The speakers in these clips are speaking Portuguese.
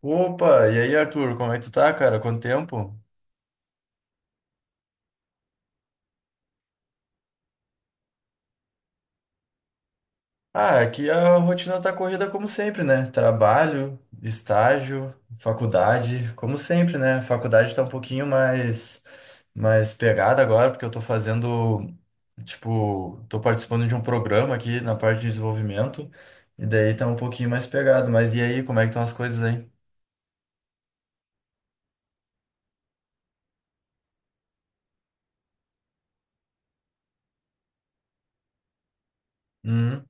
Opa, e aí, Arthur, como é que tu tá, cara? Quanto tempo? Ah, aqui a rotina tá corrida como sempre, né? Trabalho, estágio, faculdade, como sempre, né? A faculdade tá um pouquinho mais pegada agora, porque eu tô fazendo, tipo, tô participando de um programa aqui na parte de desenvolvimento, e daí tá um pouquinho mais pegado. Mas e aí, como é que estão as coisas aí? Hum,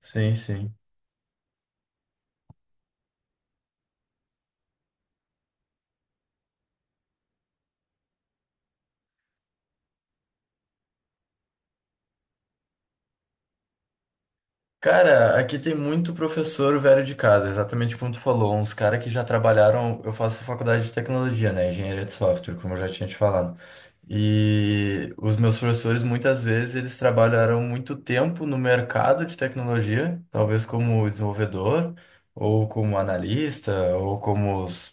sim, sim. Cara, aqui tem muito professor velho de casa, exatamente como tu falou, uns caras que já trabalharam. Eu faço faculdade de tecnologia, né? Engenharia de software, como eu já tinha te falado. E os meus professores, muitas vezes, eles trabalharam muito tempo no mercado de tecnologia, talvez como desenvolvedor, ou como analista,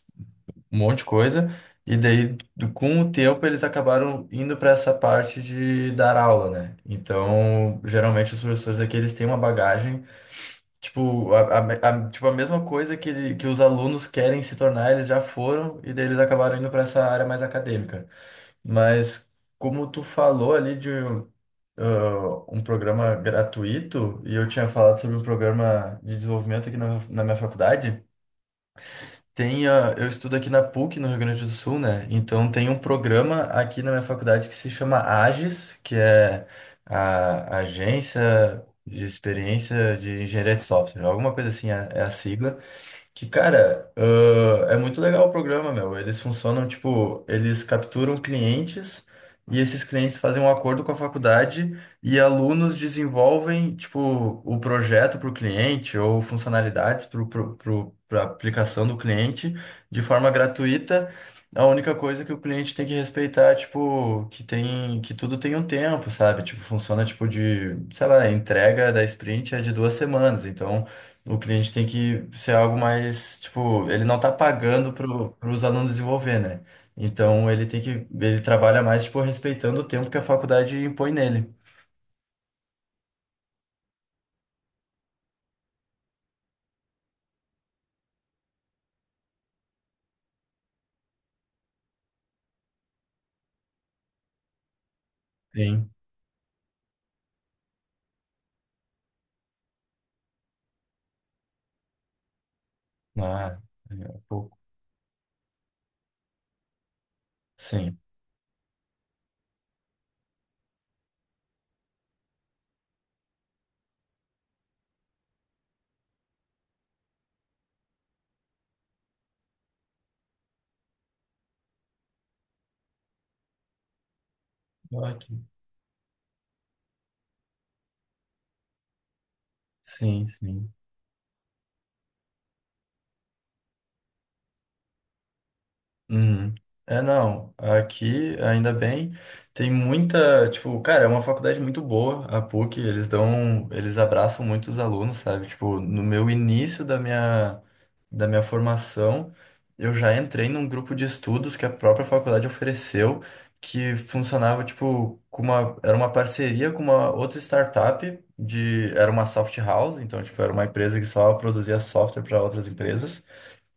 um monte de coisa. E daí, com o tempo, eles acabaram indo para essa parte de dar aula, né? Então, geralmente, os professores aqui, eles têm uma bagagem. Tipo, tipo, a mesma coisa que os alunos querem se tornar, eles já foram, e daí eles acabaram indo para essa área mais acadêmica. Mas como tu falou ali de um programa gratuito, e eu tinha falado sobre um programa de desenvolvimento aqui na minha faculdade. Eu estudo aqui na PUC, no Rio Grande do Sul, né? Então tem um programa aqui na minha faculdade que se chama AGES, que é a Agência de Experiência de Engenharia de Software, alguma coisa assim é a sigla. Que, cara, é muito legal o programa, meu. Eles funcionam, tipo, eles capturam clientes e esses clientes fazem um acordo com a faculdade e alunos desenvolvem, tipo, o projeto para o cliente ou funcionalidades para a aplicação do cliente de forma gratuita. A única coisa que o cliente tem que respeitar, é, tipo, que tem, que tudo tem um tempo, sabe? Tipo, funciona, tipo, de, sei lá, a entrega da sprint é de 2 semanas, então. O cliente tem que ser algo mais, tipo, ele não tá pagando para os alunos desenvolver, né? Então ele tem que, ele trabalha mais, tipo, respeitando o tempo que a faculdade impõe nele. Sim. Ah, é um pouco. Sim. Ótimo. Sim, sim. Uhum. É, não. Aqui, ainda bem, tem muita, tipo, cara, é uma faculdade muito boa, a PUC, eles dão, eles abraçam muito os alunos, sabe? Tipo, no meu início da minha formação, eu já entrei num grupo de estudos que a própria faculdade ofereceu, que funcionava, tipo, com uma, era uma parceria com uma outra startup de, era uma soft house, então, tipo, era uma empresa que só produzia software para outras empresas.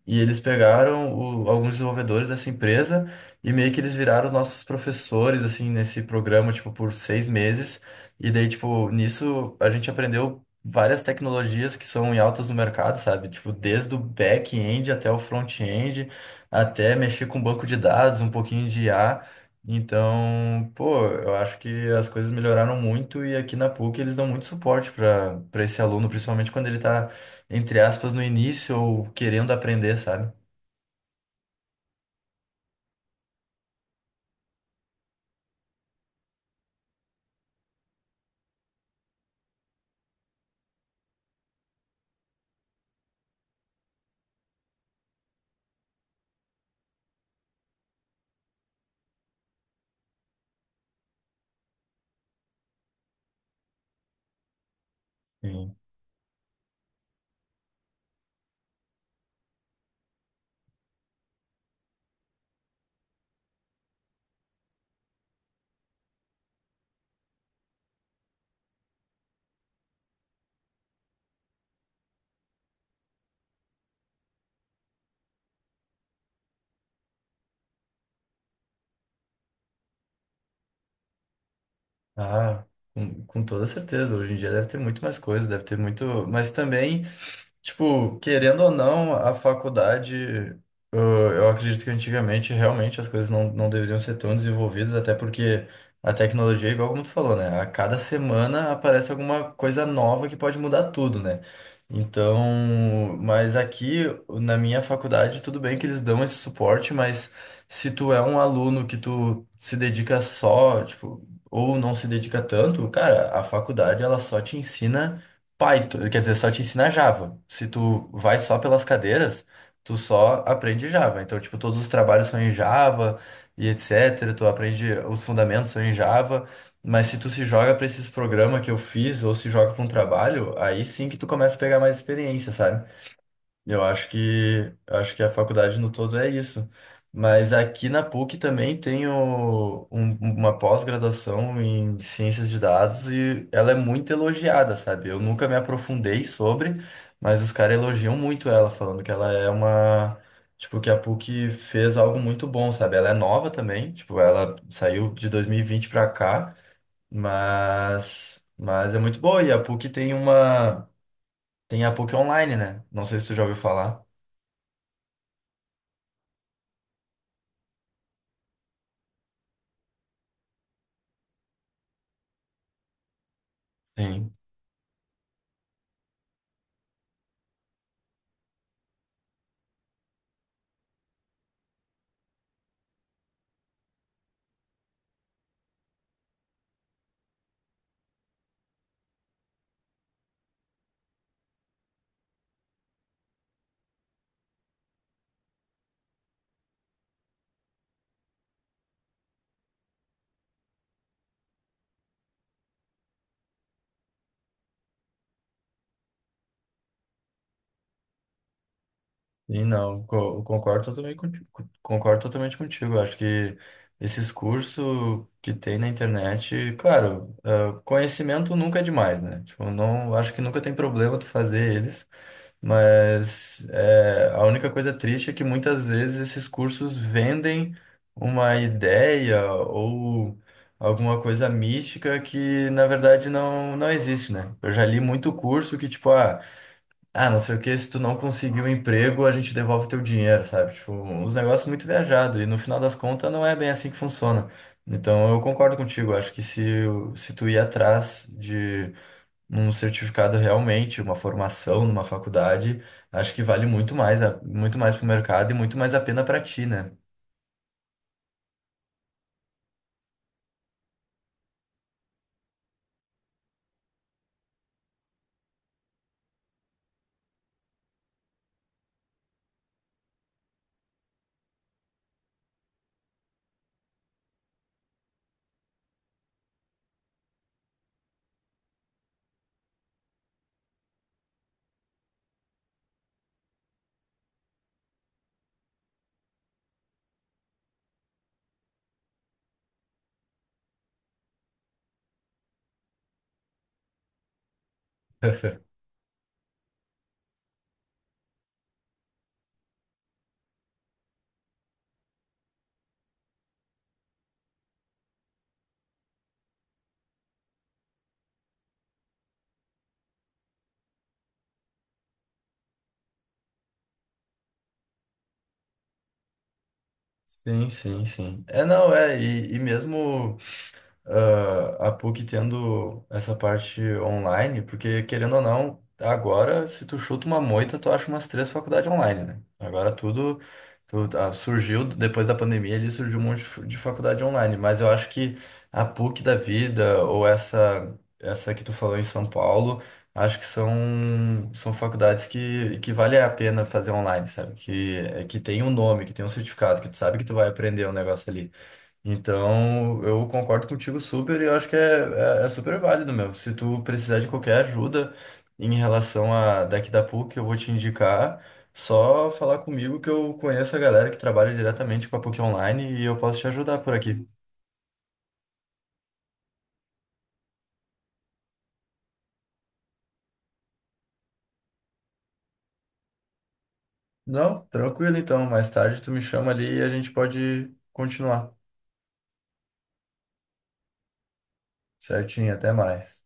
E eles pegaram alguns desenvolvedores dessa empresa e meio que eles viraram nossos professores, assim, nesse programa, tipo, por 6 meses. E daí, tipo, nisso a gente aprendeu várias tecnologias que são em altas no mercado, sabe? Tipo, desde o back-end até o front-end, até mexer com banco de dados, um pouquinho de IA. Então, pô, eu acho que as coisas melhoraram muito e aqui na PUC eles dão muito suporte para esse aluno, principalmente quando ele está entre aspas, no início ou querendo aprender, sabe? Sim. Ah, com toda certeza. Hoje em dia deve ter muito mais coisas, deve ter muito. Mas também. Tipo, querendo ou não, a faculdade, eu, eu acredito que antigamente realmente as coisas não, não deveriam ser tão desenvolvidas, até porque a tecnologia, igual como tu falou, né? A cada semana aparece alguma coisa nova que pode mudar tudo, né? Então, mas aqui na minha faculdade, tudo bem que eles dão esse suporte, mas se tu é um aluno que tu se dedica só, tipo, ou não se dedica tanto, cara, a faculdade ela só te ensina Python, quer dizer, só te ensina Java. Se tu vai só pelas cadeiras, tu só aprende Java. Então, tipo, todos os trabalhos são em Java e etc. Tu aprende, os fundamentos são em Java. Mas se tu se joga pra esses programas que eu fiz ou se joga pra um trabalho, aí sim que tu começa a pegar mais experiência, sabe? Eu acho que a faculdade no todo é isso. Mas aqui na PUC também tem uma pós-graduação em ciências de dados e ela é muito elogiada, sabe? Eu nunca me aprofundei sobre, mas os caras elogiam muito ela, falando que ela é uma. Tipo, que a PUC fez algo muito bom, sabe? Ela é nova também, tipo, ela saiu de 2020 pra cá, mas é muito boa. E a PUC tem uma. Tem a PUC Online, né? Não sei se tu já ouviu falar. Sim, e não, concordo totalmente contigo, concordo totalmente contigo. Acho que esses cursos que tem na internet, claro, conhecimento nunca é demais, né? Tipo, não, acho que nunca tem problema tu fazer eles, mas é, a única coisa triste é que muitas vezes esses cursos vendem uma ideia ou alguma coisa mística que na verdade não, não existe, né? Eu já li muito curso que, tipo, não sei o que, se tu não conseguir um emprego, a gente devolve teu dinheiro, sabe? Tipo, uns negócios muito viajados. E no final das contas, não é bem assim que funciona. Então, eu concordo contigo. Acho que se, se tu ir atrás de um certificado realmente, uma formação numa faculdade, acho que vale muito mais, muito mais pro mercado e muito mais a pena pra ti, né? Sim, sim, sim. É, não, é, e mesmo. A PUC tendo essa parte online, porque querendo ou não, agora se tu chuta uma moita, tu acha umas três faculdades online, né? Agora tudo surgiu depois da pandemia, ali surgiu um monte de faculdade online, mas eu acho que a PUC da vida ou essa que tu falou em São Paulo, acho que são faculdades que vale a pena fazer online, sabe? Que é que tem um nome, que tem um certificado, que tu sabe que tu vai aprender um negócio ali. Então, eu concordo contigo super e eu acho que é super válido, meu. Se tu precisar de qualquer ajuda em relação a daqui da PUC, eu vou te indicar. Só falar comigo que eu conheço a galera que trabalha diretamente com a PUC Online e eu posso te ajudar por aqui. Não, tranquilo então. Mais tarde tu me chama ali e a gente pode continuar. Certinho, até mais.